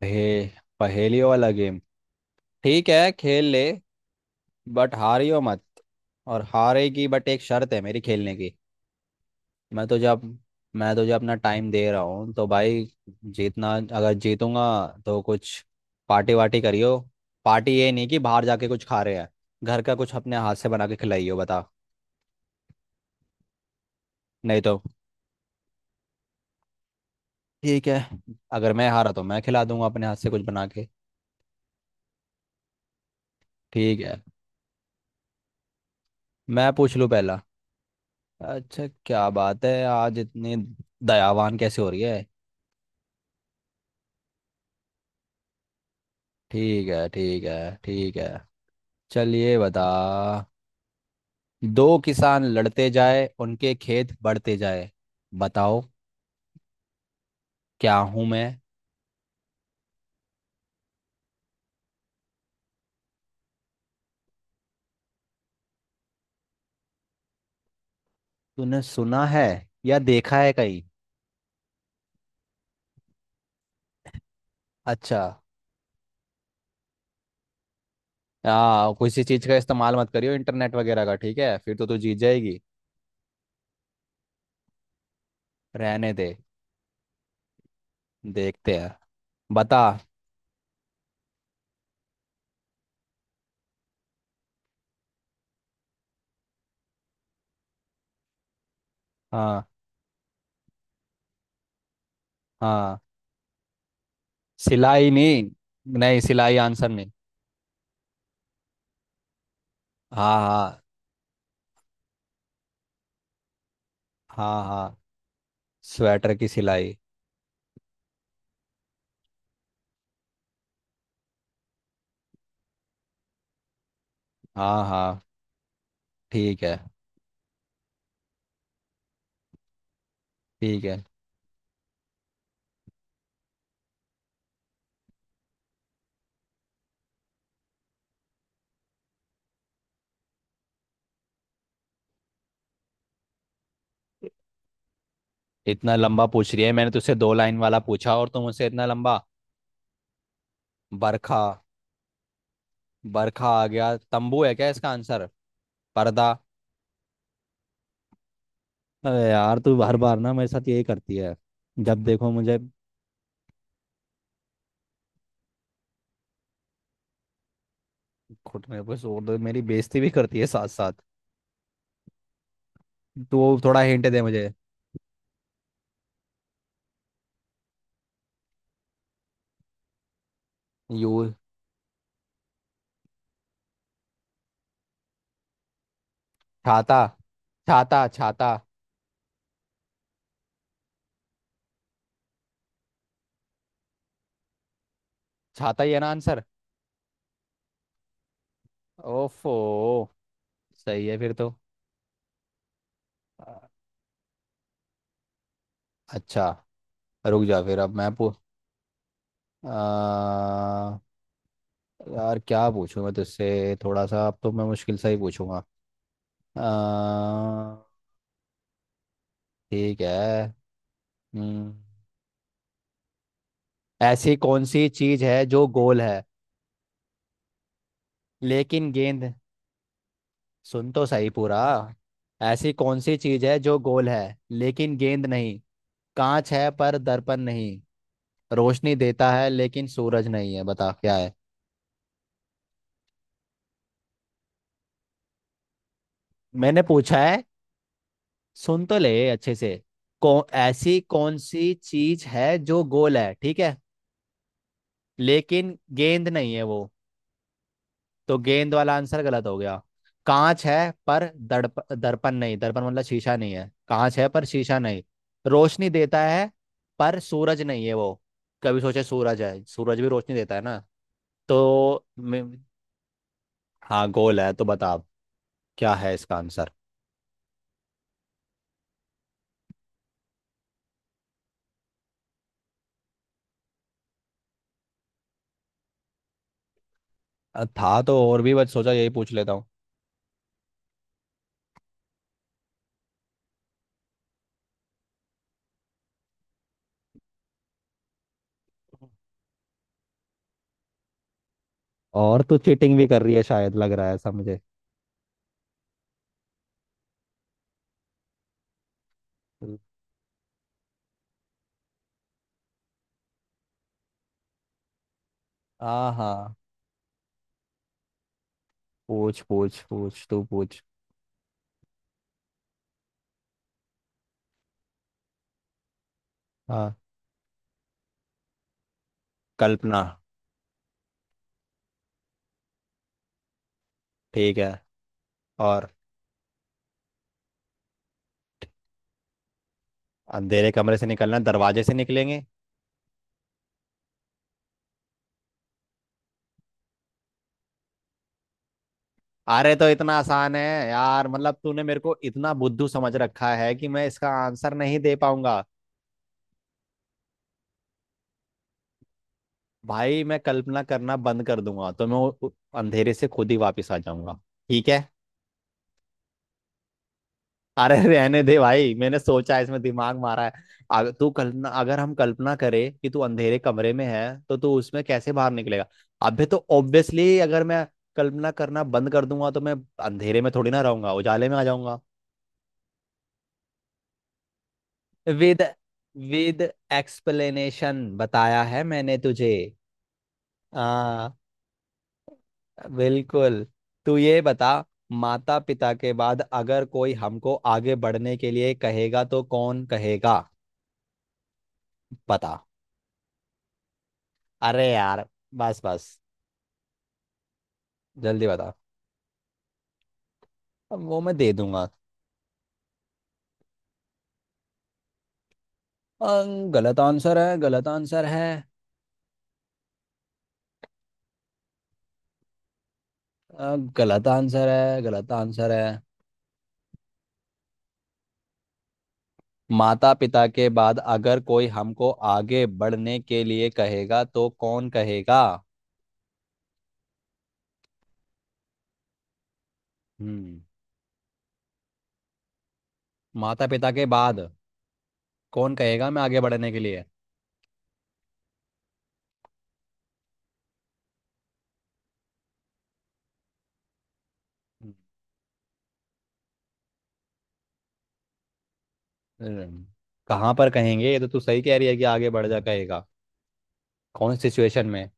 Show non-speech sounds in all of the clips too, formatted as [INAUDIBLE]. पहे, पहेलियों वाला गेम। ठीक है खेल ले। बट हारियो मत। और हारेगी बट एक शर्त है मेरी खेलने की। मैं तुझे अब मैं तुझे अपना टाइम दे रहा हूँ तो भाई। जीतना अगर जीतूंगा तो कुछ पार्टी वार्टी करियो। पार्टी ये नहीं कि बाहर जाके कुछ खा रहे हैं। घर का कुछ अपने हाथ से बना के खिलाइयो बता। नहीं तो ठीक है। अगर मैं हारा तो मैं खिला दूंगा अपने हाथ से कुछ बना के। ठीक है। मैं पूछ लूँ पहला। अच्छा क्या बात है आज इतनी दयावान कैसे हो रही है। ठीक है ठीक है ठीक है। चलिए बता। दो किसान लड़ते जाए उनके खेत बढ़ते जाए। बताओ। क्या हूं मैं। तूने सुना है या देखा है कहीं। अच्छा। आ किसी चीज का इस्तेमाल मत करियो इंटरनेट वगैरह का। ठीक है फिर तो तू जीत जाएगी। रहने दे। देखते हैं। बता। हाँ हाँ सिलाई नहीं। नहीं सिलाई आंसर नहीं। हाँ हाँ। हाँ हाँ। स्वेटर की सिलाई। हाँ हाँ। ठीक है। ठीक है। इतना लंबा पूछ रही है मैंने तुझसे दो लाइन वाला पूछा और तुम मुझसे इतना लंबा। बरखा। बरखा आ गया तंबू है क्या इसका आंसर। पर्दा। अरे यार तू हर बार ना मेरे साथ यही करती है। जब देखो मुझे। घुटने पे जोर दे मेरी बेइज्जती भी करती है साथ साथ। तो थोड़ा हिंट दे मुझे। यू छाता। छाता छाता। छाता ही है ना आंसर। ओफो। सही है फिर तो। अ- अच्छा। रुक जा फिर अब मैं पू आ, यार क्या पूछूं मैं तुझसे थोड़ा सा अब तो मैं मुश्किल सा ही पूछूंगा। अ, ठीक है। हम्म, ऐसी कौन सी चीज है जो गोल है लेकिन गेंद। सुन तो सही पूरा। ऐसी कौन सी चीज है जो गोल है लेकिन गेंद नहीं। कांच है पर दर्पण नहीं। रोशनी देता है लेकिन सूरज नहीं है बता क्या है। मैंने पूछा है। सुन तो ले अच्छे से। कौन ऐसी कौन सी चीज है जो गोल है ठीक है। लेकिन गेंद नहीं है वो। तो गेंद वाला आंसर गलत हो गया। कांच है पर दड़प दर्पण नहीं। दर्पण मतलब शीशा नहीं है कांच है पर शीशा नहीं। रोशनी देता है। पर सूरज नहीं है वो। कभी सोचे सूरज है सूरज भी रोशनी देता है ना। तो मे- हाँ गोल है तो बता आप, क्या है इसका आंसर। था तो और भी बस सोचा यही पूछ लेता हूँ। और तू चीटिंग भी कर रही है शायद लग रहा है ऐसा मुझे। हाँ हाँ। पूछ पूछ पूछ तू पूछ। हाँ। कल्पना। ठीक है और। अंधेरे कमरे से निकलना दरवाजे से निकलेंगे। अरे तो इतना आसान है। यार मतलब तूने मेरे को इतना बुद्धू समझ रखा है कि मैं इसका आंसर नहीं दे पाऊंगा। भाई मैं कल्पना करना बंद कर दूंगा तो मैं अंधेरे से खुद ही वापस आ जाऊंगा। ठीक है। अरे [LAUGHS] रहने दे भाई मैंने सोचा है, इसमें दिमाग मारा है। अगर हम कल्पना करें कि तू अंधेरे कमरे में है तो तू उसमें कैसे बाहर निकलेगा। अबे तो ऑब्वियसली अगर मैं कल्पना करना बंद कर दूंगा तो मैं अंधेरे में थोड़ी ना रहूंगा उजाले में आ जाऊंगा। विद विद एक्सप्लेनेशन बताया है मैंने तुझे। हाँ। बिल्कुल। तू ये बता। माता पिता के बाद अगर कोई हमको आगे बढ़ने के लिए कहेगा तो कौन कहेगा। बता। अरे यार। बस बस जल्दी बता। अब वो मैं दे दूंगा। अ, गलत आंसर है गलत आंसर है। गलत आंसर है गलत आंसर है। माता पिता के बाद अगर कोई हमको आगे बढ़ने के लिए कहेगा तो कौन कहेगा। हम्म। माता पिता के बाद कौन कहेगा मैं आगे बढ़ने के लिए। हम्म, कहाँ पर कहेंगे ये तो तू सही कह रही है कि आगे बढ़ जा कहेगा। कौन सिचुएशन में।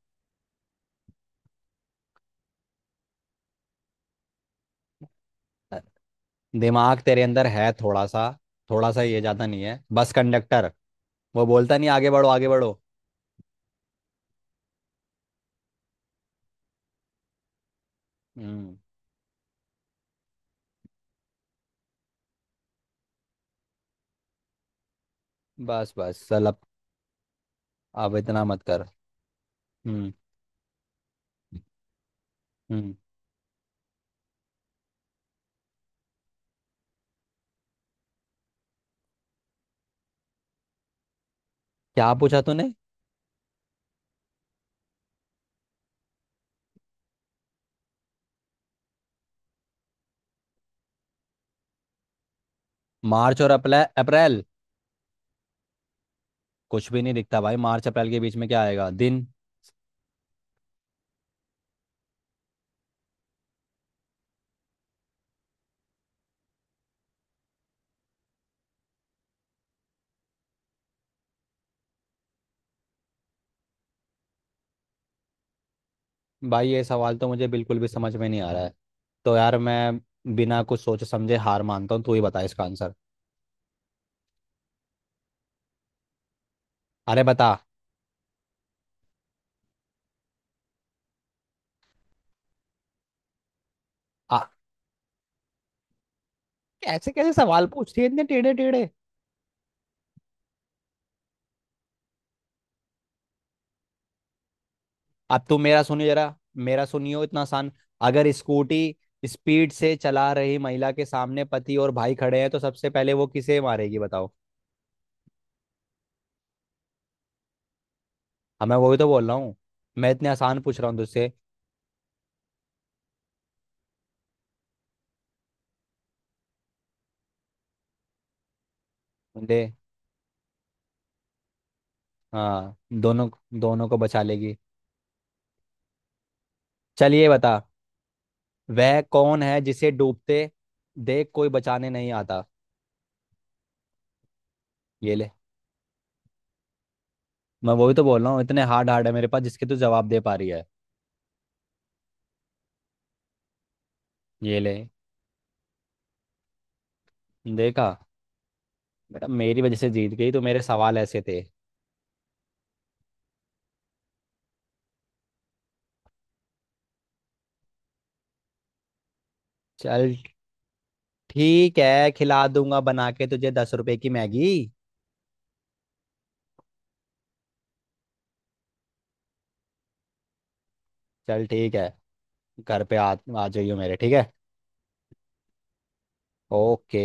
दिमाग तेरे अंदर है थोड़ा सा ये ज्यादा नहीं है बस कंडक्टर। वो बोलता नहीं आगे बढ़ो आगे बढ़ो। हम्म। बस बस चल अब। अब इतना मत कर। हम्म हम्म। क्या पूछा तूने। मार्च और अप्रैल अप्रैल। कुछ भी नहीं दिखता भाई मार्च अप्रैल के बीच में क्या आएगा दिन। भाई ये सवाल तो मुझे बिल्कुल भी समझ में नहीं आ रहा है। तो यार मैं बिना कुछ सोचे समझे हार मानता हूँ तू ही बता इसका आंसर। अरे बता। आ, कैसे कैसे सवाल पूछती है इतने टेढ़े टेढ़े। अब तू मेरा सुनियो जरा। मेरा सुनियो इतना आसान। अगर स्कूटी स्पीड से चला रही महिला के सामने पति और भाई खड़े हैं तो सबसे पहले वो किसे मारेगी बताओ। हाँ मैं वही तो बोल रहा हूँ। मैं इतने आसान पूछ रहा हूँ तुझसे। दे। हाँ। दोनों दोनों को बचा लेगी। चलिए बता। वह कौन है जिसे डूबते देख कोई बचाने नहीं आता। ये ले। मैं वही तो बोल रहा हूँ इतने हार्ड हार्ड है मेरे पास जिसके तू जवाब दे पा रही है। ये ले। देखा। बेटा मेरी वजह से जीत गई तो मेरे सवाल ऐसे थे। चल ठीक है खिला दूंगा बना के तुझे 10 रुपए की मैगी। चल ठीक है। घर पे आ। आ जाइयो मेरे ठीक है। ओके।